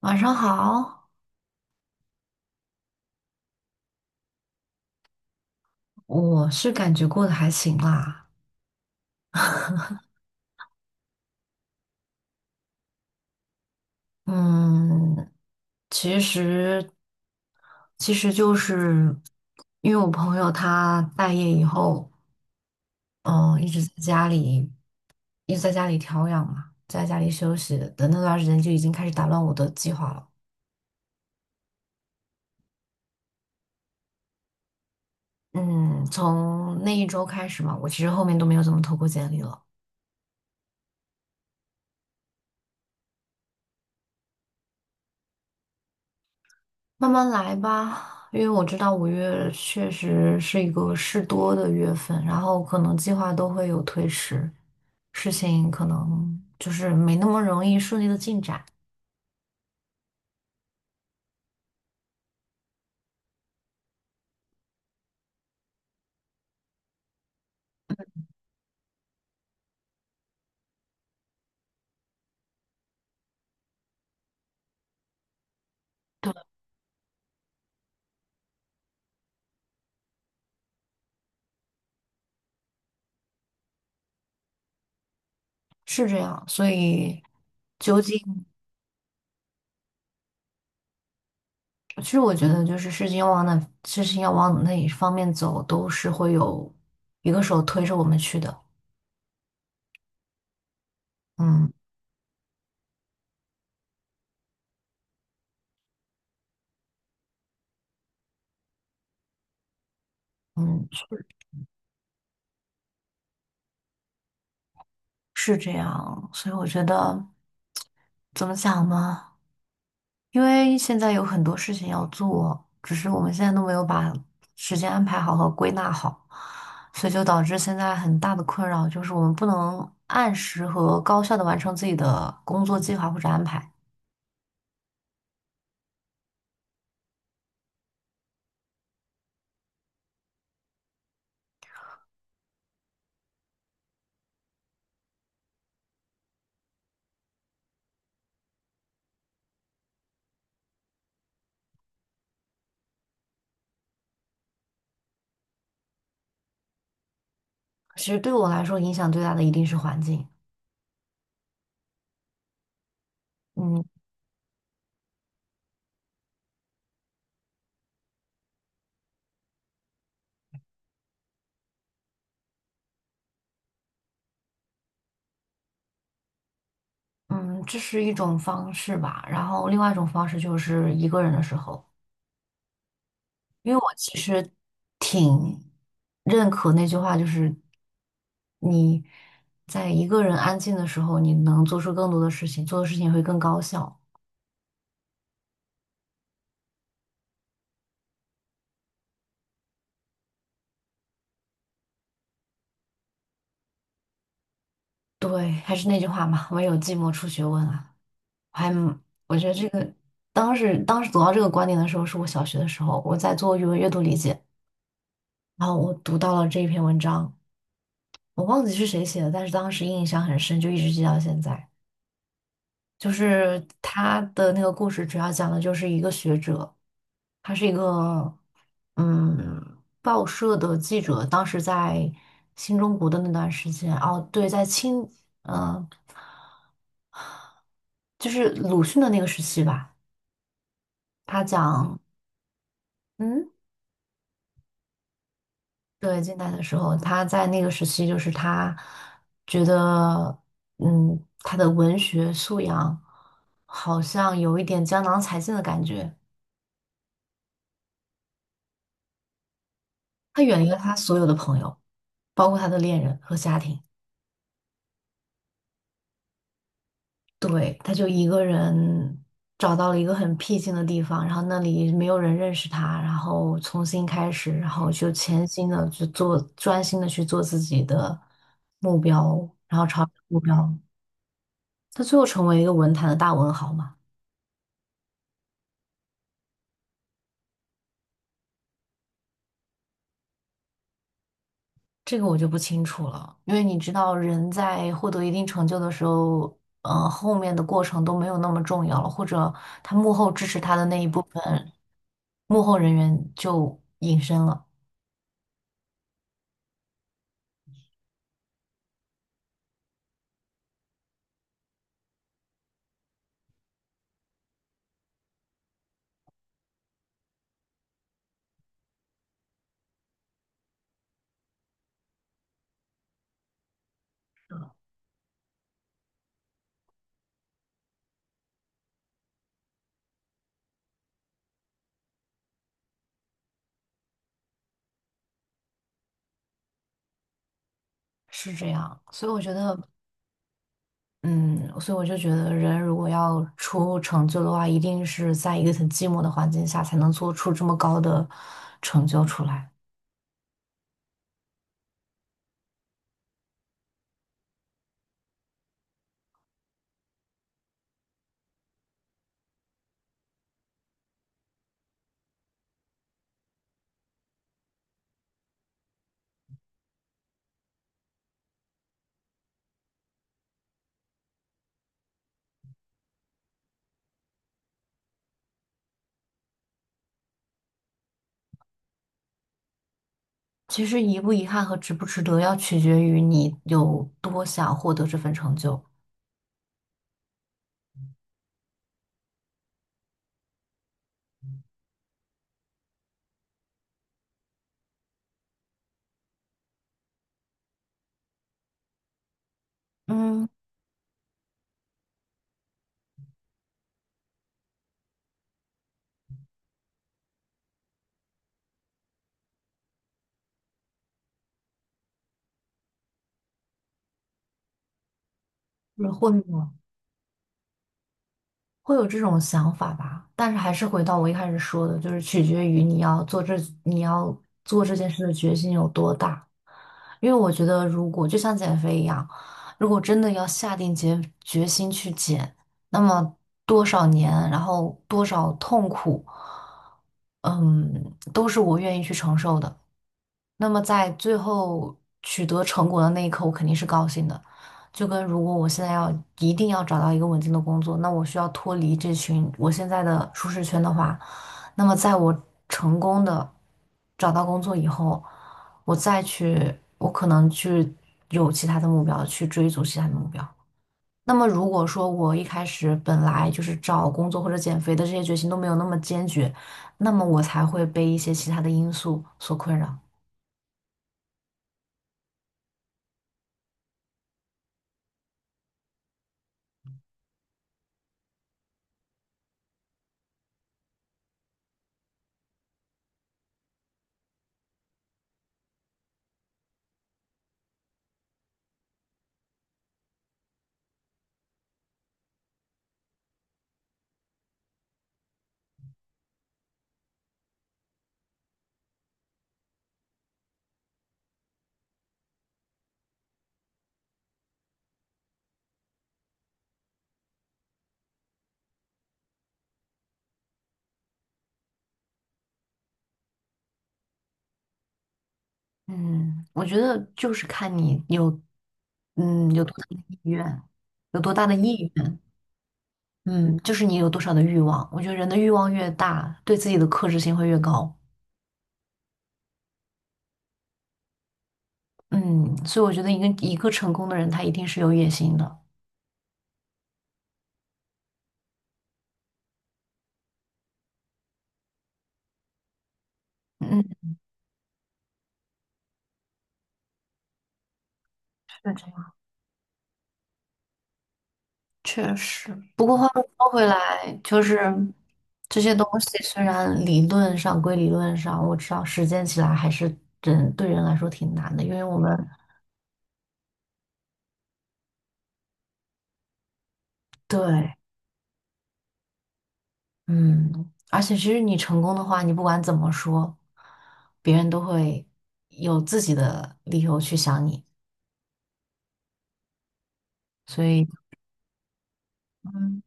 晚上好，我是感觉过得还行啦。嗯，其实其实就是因为我朋友他待业以后，嗯，一直在家里一直在家里调养嘛，在家里休息的那段时间就已经开始打乱我的计划了。嗯，从那一周开始嘛，我其实后面都没有怎么投过简历了。慢慢来吧，因为我知道五月确实是一个事多的月份，然后可能计划都会有推迟，事情可能就是没那么容易顺利的进展，是这样。所以，究竟，其实我觉得就是事情要往哪一方面走，都是会有一个手推着我们去的。嗯。嗯，是这样，所以我觉得怎么讲呢？因为现在有很多事情要做，只是我们现在都没有把时间安排好和归纳好，所以就导致现在很大的困扰就是我们不能按时和高效的完成自己的工作计划或者安排。其实对我来说，影响最大的一定是环境。嗯。嗯，这是一种方式吧。然后另外一种方式就是一个人的时候。因为我其实挺认可那句话，就是你在一个人安静的时候，你能做出更多的事情，做的事情会更高效。对，还是那句话嘛，唯有寂寞出学问啊。我还蛮我觉得这个当时走到这个观点的时候，是我小学的时候，我在做语文阅读理解，然后我读到了这一篇文章，我忘记是谁写的，但是当时印象很深，就一直记到现在。就是他的那个故事，主要讲的就是一个学者，他是一个报社的记者，当时在新中国的那段时间，哦，对，在清，嗯、呃就是鲁迅的那个时期吧。他讲，嗯，对，近代的时候，他在那个时期，就是他觉得，嗯，他的文学素养好像有一点江郎才尽的感觉。他远离了他所有的朋友。包括他的恋人和家庭。对，他就一个人找到了一个很僻静的地方，然后那里没有人认识他，然后重新开始，然后就潜心的去做，专心的去做自己的目标，目标。他最后成为一个文坛的大文豪嘛，这个我就不清楚了，因为你知道，人在获得一定成就的时候，后面的过程都没有那么重要了，或者他幕后支持他的那一部分幕后人员就隐身了。是这样，所以我觉得，嗯，所以我就觉得，人如果要出成就的话，一定是在一个很寂寞的环境下，才能做出这么高的成就出来。其实遗不遗憾和值不值得，要取决于你有多想获得这份成就。嗯，是会有这种想法吧，但是还是回到我一开始说的，就是取决于你要做这件事的决心有多大。因为我觉得，如果就像减肥一样，如果真的要下定决心去减，那么多少年，然后多少痛苦，嗯，都是我愿意去承受的。那么在最后取得成果的那一刻，我肯定是高兴的。就跟如果我现在要一定要找到一个稳定的工作，那我需要脱离这群我现在的舒适圈的话，那么在我成功的找到工作以后，我再去，我可能去有其他的目标，去追逐其他的目标。那么如果说我一开始本来就是找工作或者减肥的这些决心都没有那么坚决，那么我才会被一些其他的因素所困扰。嗯，我觉得就是看你有，嗯，有多大的意愿，有多大的意愿，嗯，就是你有多少的欲望。我觉得人的欲望越大，对自己的克制性会越高。嗯，所以我觉得一个成功的人，他一定是有野心的。嗯，是这样。确实。不过话又说回来，就是这些东西虽然理论上归理论上，我知道实践起来还是人对人来说挺难的，因为我们对。嗯，而且其实你成功的话，你不管怎么说，别人都会有自己的理由去想你，所以，嗯，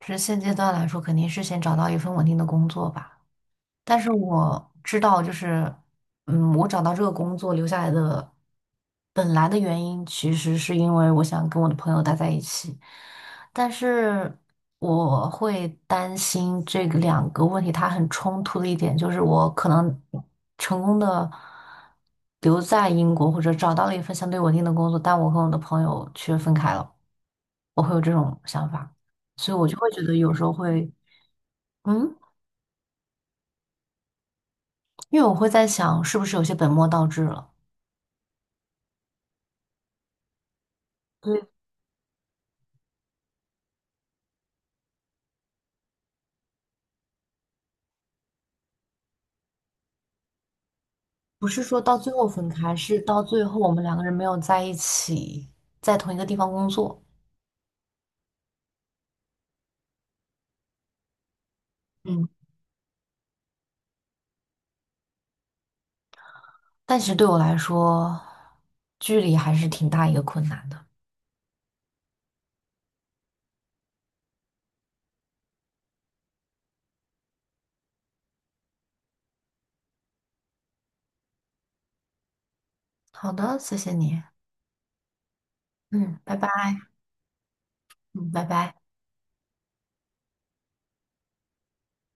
是现阶段来说，肯定是先找到一份稳定的工作吧。但是我知道，就是，嗯，我找到这个工作留下来的本来的原因，其实是因为我想跟我的朋友待在一起，但是我会担心这个两个问题它很冲突的一点，就是我可能成功的留在英国，或者找到了一份相对稳定的工作，但我跟我的朋友却分开了，我会有这种想法，所以我就会觉得有时候会，嗯，因为我会在想，是不是有些本末倒置了。对，不是说到最后分开，是到最后我们两个人没有在一起，在同一个地方工作。嗯，但其实对我来说，距离还是挺大一个困难的。好的，谢谢你。嗯，拜拜。嗯，拜拜。